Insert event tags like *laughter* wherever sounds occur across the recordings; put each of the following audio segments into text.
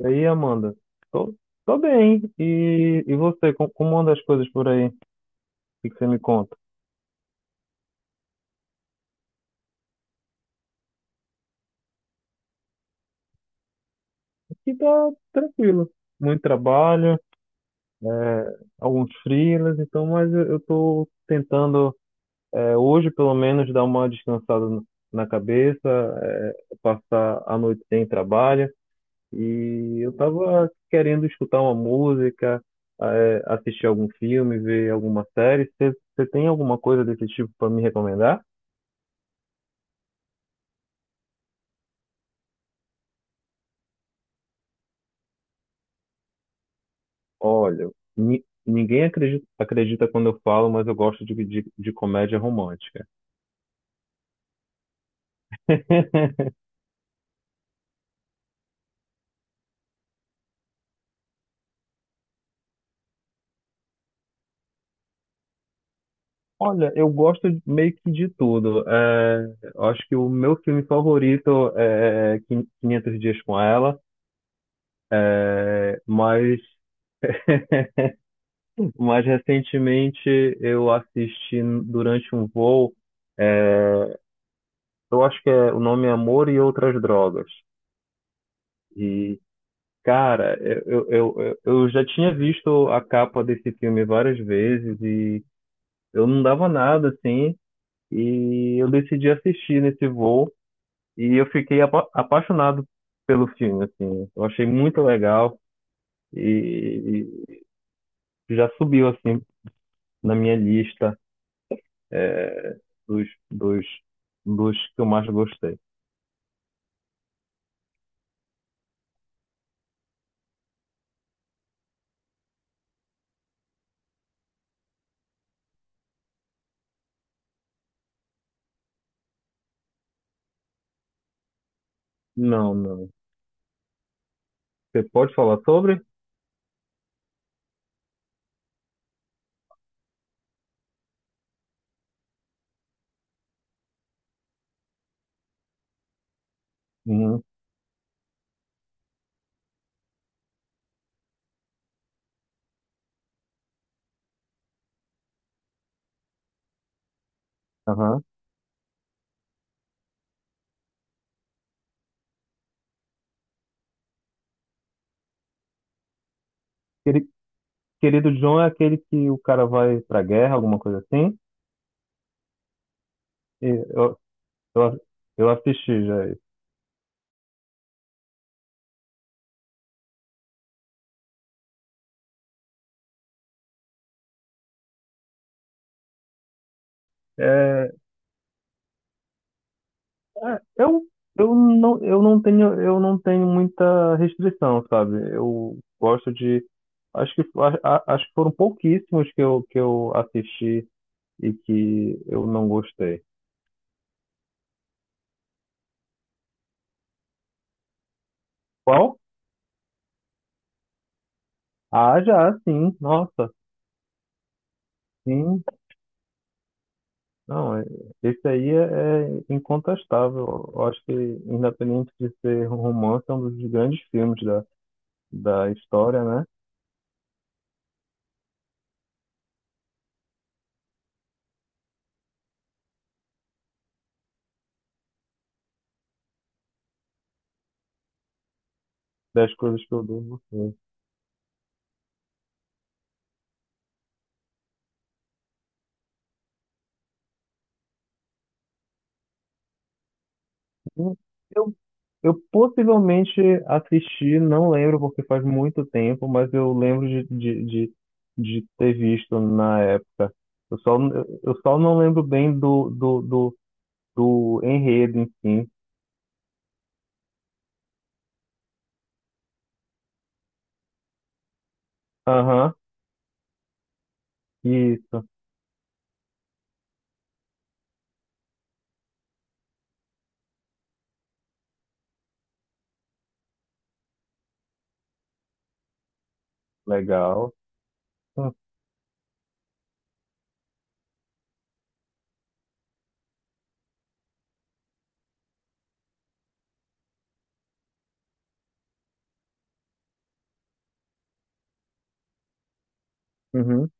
E aí, Amanda? Tô, Tô bem. E você, como anda as coisas por aí? O que que você me conta? Aqui tá tranquilo. Muito trabalho, alguns freelas, então, mas eu tô tentando, hoje pelo menos, dar uma descansada na cabeça, passar a noite sem trabalho. E eu tava querendo escutar uma música, assistir algum filme, ver alguma série. Você tem alguma coisa desse tipo para me recomendar? Olha, ninguém acredita, acredita quando eu falo, mas eu gosto de comédia romântica. *laughs* Olha, meio que de tudo. É, eu acho que o meu filme favorito é 500 Dias com Ela, mas mais recentemente eu assisti durante um voo, é, eu acho que o nome é Amor e Outras Drogas. Cara, eu já tinha visto a capa desse filme várias vezes e eu não dava nada assim, e eu decidi assistir nesse voo e eu fiquei apaixonado pelo filme, assim. Eu achei muito legal e, e já subiu assim na minha lista é, dos, dos, dos que eu mais gostei. Não, não. Você pode falar sobre? Uhum. Aham. Queri- Querido John é aquele que o cara vai pra guerra, alguma coisa assim? E, ó, Eu, a- eu assisti já esse. É, é, eu, eu não tenho muita restrição, sabe? Eu gosto de, acho que, acho que foram pouquíssimos que eu assisti e que eu não gostei. Qual? Ah, já, sim. Nossa, sim. Não, é, esse aí é, é incontestável. Eu acho que, independente de ser um romance, é um dos grandes filmes da, da história, né? Das coisas que eu dou. Eu, Eu possivelmente assisti, não lembro porque faz muito tempo, mas eu lembro de ter visto na época. Eu só, eu só não lembro bem do enredo em si. Aham, isso, legal. Uhum.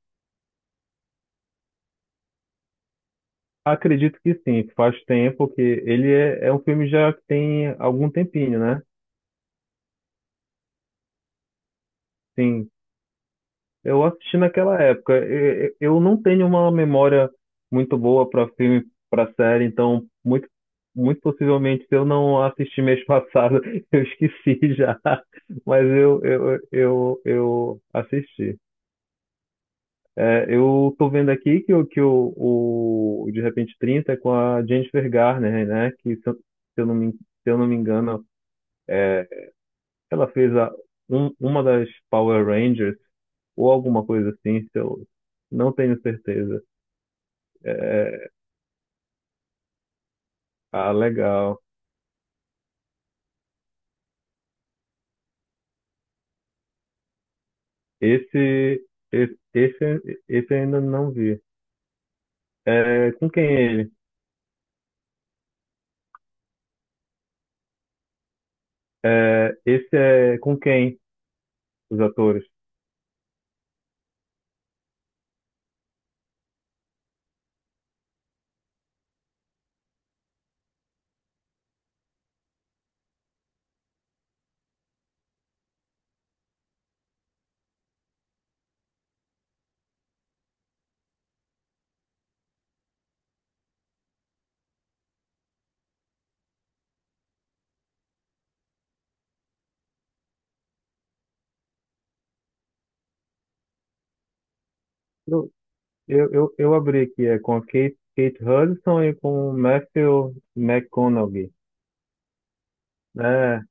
Acredito que sim, faz tempo que ele é, é um filme já que tem algum tempinho, né? Sim. Eu assisti naquela época. Eu não tenho uma memória muito boa para filme, para série, então muito possivelmente se eu não assisti mês passado, *laughs* eu esqueci já. Mas eu assisti. É, eu tô vendo aqui que o De Repente 30 é com a Jennifer Garner, né? Que se eu, se eu não me, se eu não me engano, é, ela fez uma das Power Rangers ou alguma coisa assim, se eu não tenho certeza. É, ah, legal. Esse, esse eu ainda não vi. É, com quem é ele? É, esse é com quem os atores? Eu, eu abri aqui, é com a Kate, Kate Hudson e com o Matthew McConaughey. É,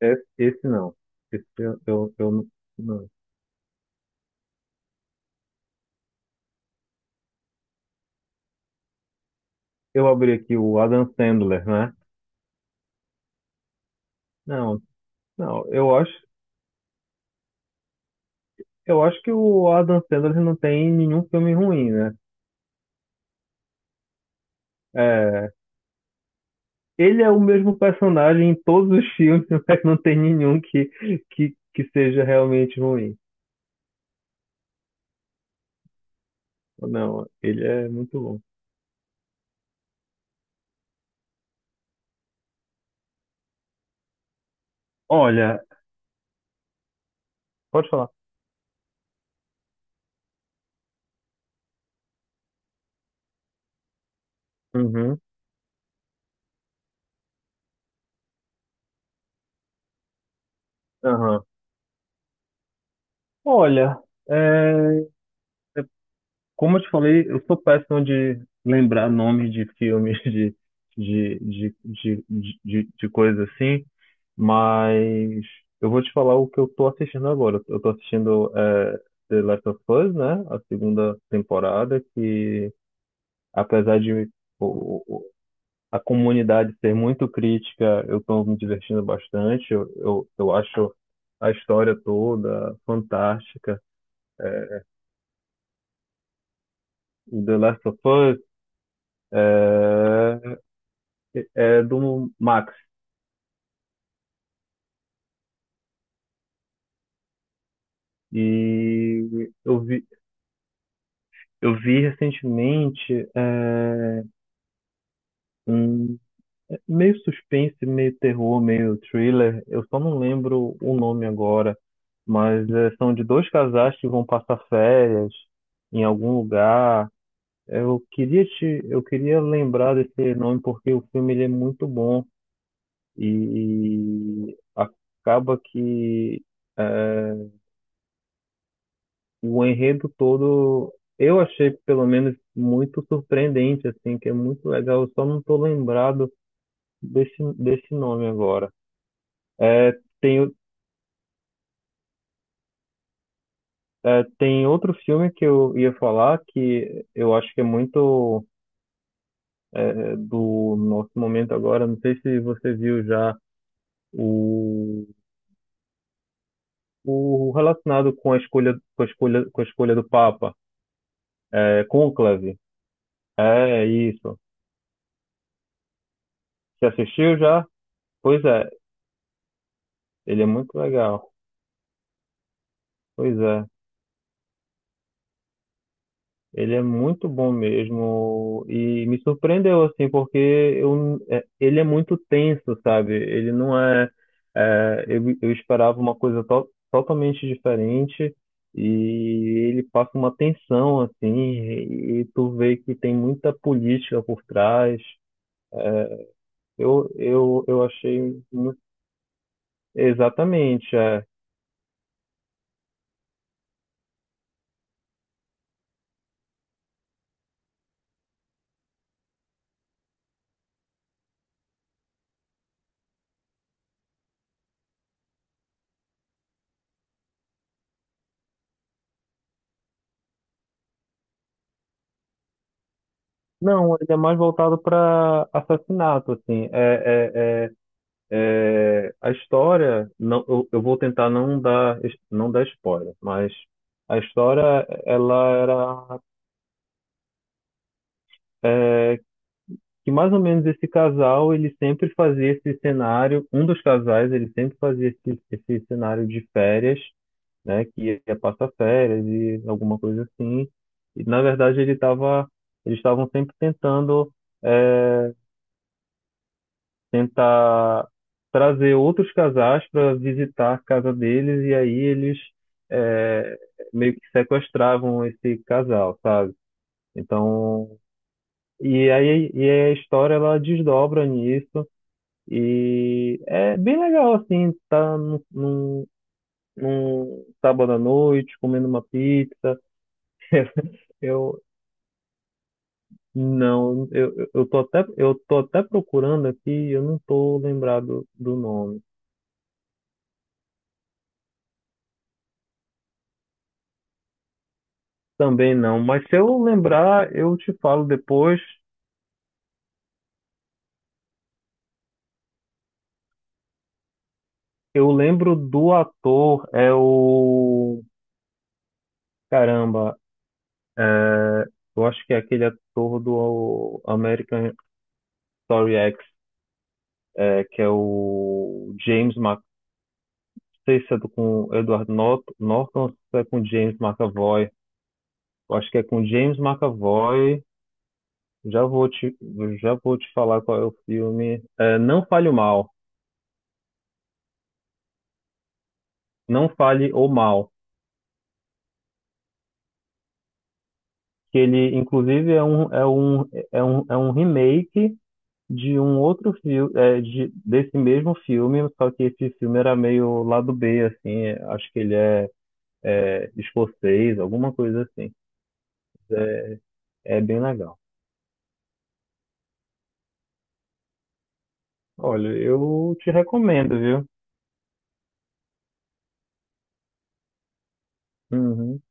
esse não. Esse eu não, não. Eu abri aqui o Adam Sandler, né? Não, não, eu acho que o Adam Sandler não tem nenhum filme ruim, né? É, ele é o mesmo personagem em todos os *laughs* filmes, mas não tem nenhum que seja realmente ruim. Não, ele é muito bom. Olha, pode falar. Uhum, aham. Olha, é, como eu te falei, eu sou péssimo de lembrar nomes de filmes, *laughs* de coisas assim, mas eu vou te falar o que eu tô assistindo agora. Eu tô assistindo é, The Last of Us, né? A segunda temporada, que apesar de o- o- a comunidade ser muito crítica, eu estou me divertindo bastante. Eu acho a história toda fantástica. É, o The Last of Us é, é do Max. E eu vi, eu vi recentemente um meio suspense, meio terror, meio thriller. Eu só não lembro o nome agora, mas é, são de dois casais que vão passar férias em algum lugar. Eu queria lembrar desse nome porque o filme ele é muito bom e acaba que é, o enredo todo eu achei pelo menos muito surpreendente, assim, que é muito legal. Eu só não tô lembrado desse nome agora. É, tem é, tem outro filme que eu ia falar que eu acho que é muito do nosso momento agora. Não sei se você viu já o, o relacionado com a escolha, com a escolha do Papa, é, Conclave. É isso. Você assistiu já? Pois é, ele é muito legal. Pois é. Ele é muito bom mesmo e me surpreendeu assim, porque eu, é, ele é muito tenso, sabe? Ele não é, é, eu esperava uma coisa totalmente diferente e ele passa uma tensão assim e tu vê que tem muita política por trás. Eu, eu, eu achei mu- exatamente, é. Não, ele é mais voltado para assassinato assim. É, a história, não, eu vou tentar não dar spoiler, mas a história, ela era que mais ou menos esse casal, ele sempre fazia esse cenário, um dos casais, ele sempre fazia esse cenário de férias, né, que ia passar férias e alguma coisa assim. E, na verdade, eles estavam sempre tentando é, tentar trazer outros casais para visitar a casa deles e aí eles é, meio que sequestravam esse casal, sabe? Então, e aí e a história ela desdobra nisso e é bem legal assim, tá num sábado à noite comendo uma pizza. *laughs* Eu não, Eu tô até procurando aqui, eu não tô lembrado do nome. Também não, mas se eu lembrar, eu te falo depois. Eu lembro do ator, é o. Caramba, eu acho que é aquele ator do American Story X, é, que é o James Mc... Não sei se é com o Edward Norton, Norton ou se é com James McAvoy. Eu acho que é com James McAvoy. Já vou te, já vou te falar qual é o filme. É, Não Fale o Mal. Não Fale o Mal, que ele inclusive é um remake de um outro filme é, de, desse mesmo filme, só que esse filme era meio lado B assim, é, acho que ele é, é escocês alguma coisa assim, é bem legal. Olha, eu te recomendo, viu? Uhum.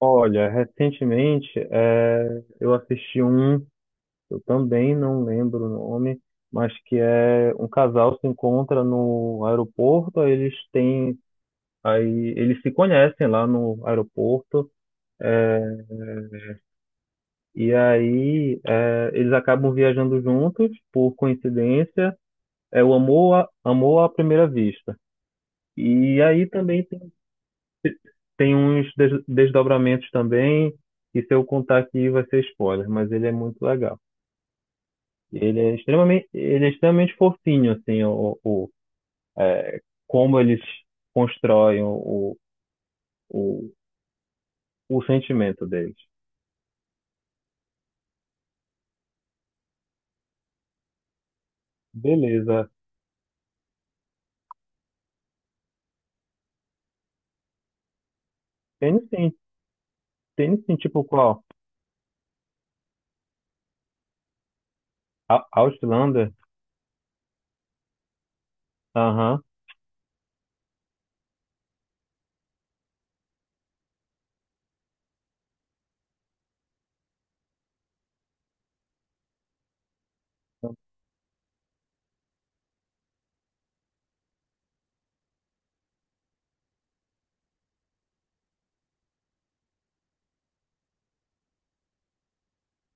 Olha, recentemente é, eu assisti um, eu também não lembro o nome, mas que é um casal se encontra no aeroporto, aí eles têm, aí eles se conhecem lá no aeroporto e aí é, eles acabam viajando juntos por coincidência. É o amor, amor à primeira vista. E aí também tem, tem uns desdobramentos também, que se eu contar aqui vai ser spoiler, mas ele é muito legal. Ele é extremamente fofinho, assim, como eles constroem o o sentimento deles. Beleza. Tem sim, tem sim, tipo qual? Outlander? Aham,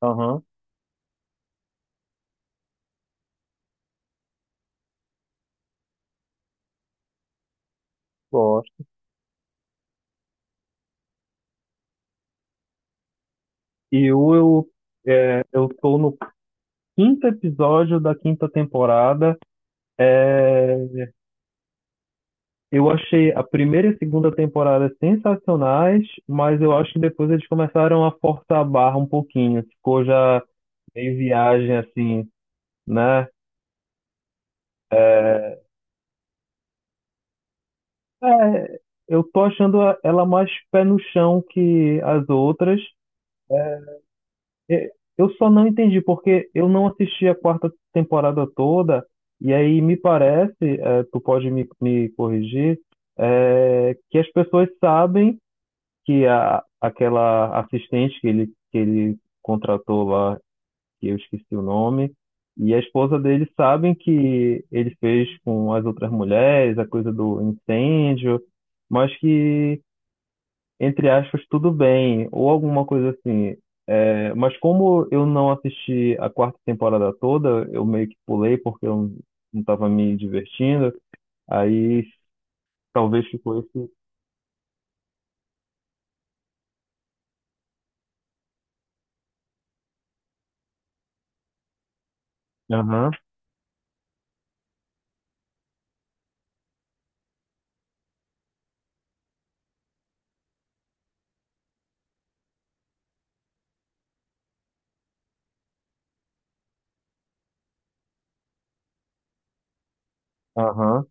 aham, gosto. E eu, eu tô no quinto episódio da quinta temporada. É, eu achei a primeira e segunda temporada sensacionais, mas eu acho que depois eles começaram a forçar a barra um pouquinho. Ficou já meio viagem assim, né? É, eu tô achando ela mais pé no chão que as outras. E eu só não entendi, porque eu não assisti a quarta temporada toda, e aí me parece, eh, tu pode me corrigir, eh, que as pessoas sabem que a, aquela assistente que ele contratou lá, que eu esqueci o nome, e a esposa dele sabem que ele fez com as outras mulheres, a coisa do incêndio, mas que entre aspas, tudo bem, ou alguma coisa assim. É, mas como eu não assisti a quarta temporada toda, eu meio que pulei porque eu não estava me divertindo, aí talvez ficou esse. Aham, aham,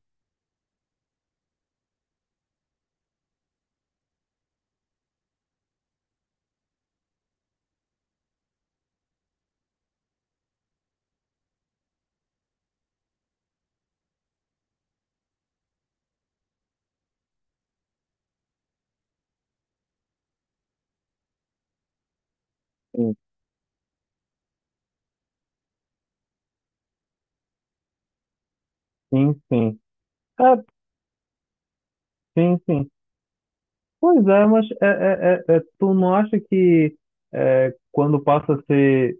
sim, sim, sim. É, sim, sim. Pois é, mas é, tu não acha que é, quando passa a ser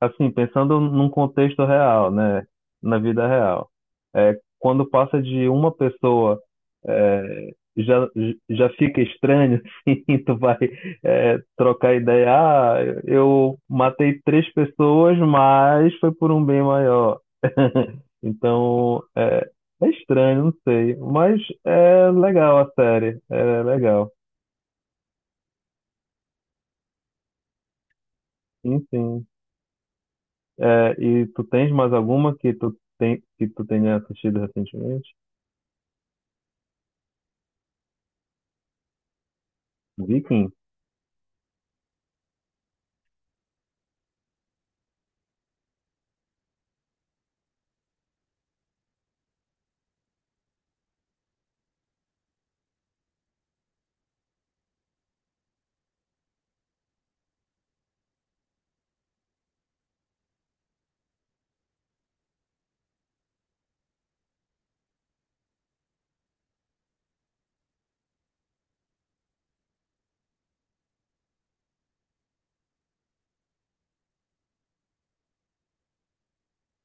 assim, pensando num contexto real, né, na vida real, é, quando passa de uma pessoa, é, já, já fica estranho, *laughs* assim, tu vai, é, trocar ideia, ah, eu matei três pessoas, mas foi por um bem maior. *laughs* Então, é, é estranho, não sei, mas é legal a série, é legal, sim, sim. É, e tu tens mais alguma que tu, tem, que tu tenha assistido recentemente? Viking?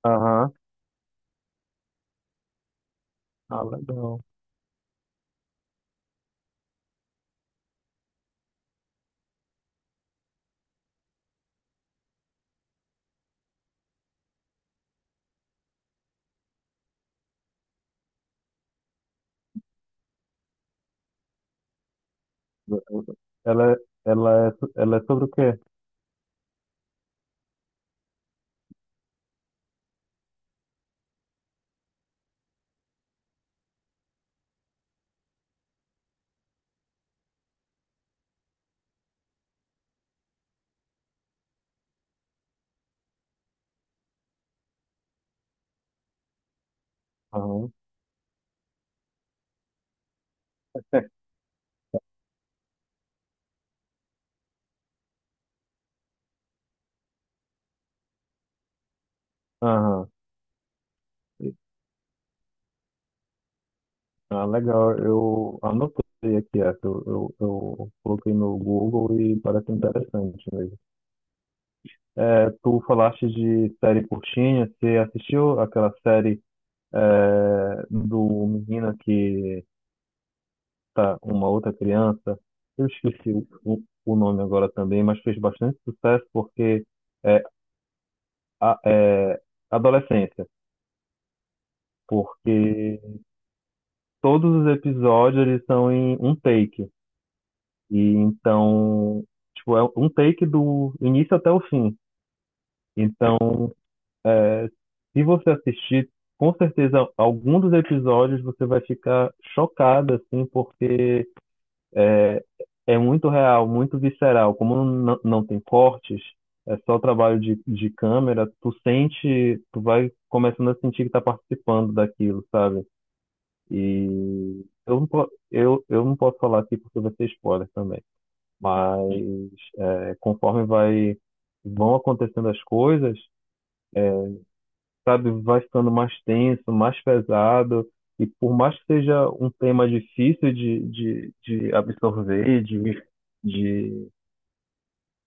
Aham. Ah, legal. Ela, Ela, é, ela é sobre o quê? Aham. Aham. Ah, legal. Eu anotei aqui essa. Eu coloquei no Google e parece interessante mesmo. É, tu falaste de série curtinha. Você assistiu aquela série é, do menino que tá uma outra criança? Eu esqueci o, o nome agora também, mas fez bastante sucesso porque é, é, adolescência, porque todos os episódios eles são em um take. E então, tipo, é um take do início até o fim. Então, se você assistir, com certeza algum dos episódios você vai ficar chocado, assim, porque é, é muito real, muito visceral. Como não, não tem cortes, é só trabalho de câmera, tu sente, tu vai começando a sentir que tá participando daquilo, sabe? E eu não, eu não posso falar aqui porque vai ser spoiler também. Mas é, conforme vai, vão acontecendo as coisas, sabe, vai ficando mais tenso, mais pesado. E por mais que seja um tema difícil de absorver, de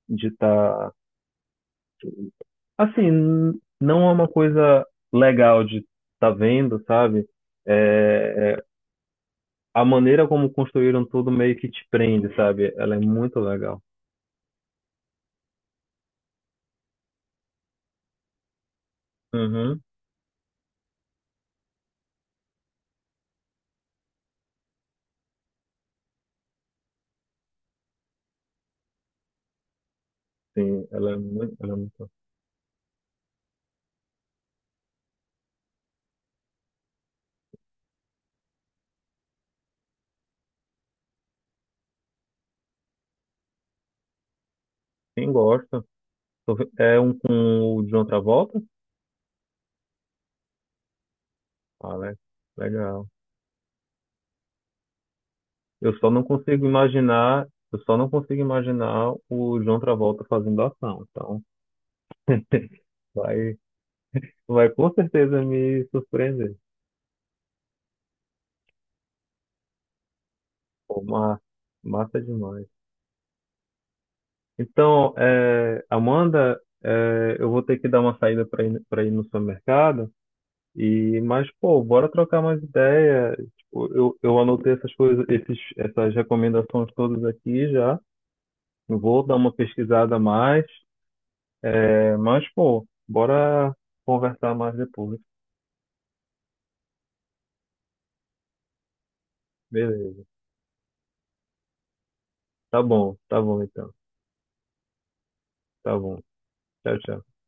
de tá, assim, não é uma coisa legal de tá vendo, sabe? É, é, a maneira como construíram tudo meio que te prende, sabe? Ela é muito legal. Uhum, sim, ela é muito, ela é muito. Quem gosta? É um com o John Travolta? Ah, né? Legal. Eu só não consigo imaginar, eu só não consigo imaginar o John Travolta fazendo ação. Então, vai, vai com certeza me surpreender. Pô, massa demais. Então, é, Amanda, é, eu vou ter que dar uma saída para ir no supermercado. E, mas, pô, bora trocar mais ideia. Tipo, eu anotei essas coisas, essas recomendações todas aqui já. Eu vou dar uma pesquisada a mais. É, mas, pô, bora conversar mais depois. Beleza. Tá bom então. Tá bom. Tchau, tchau.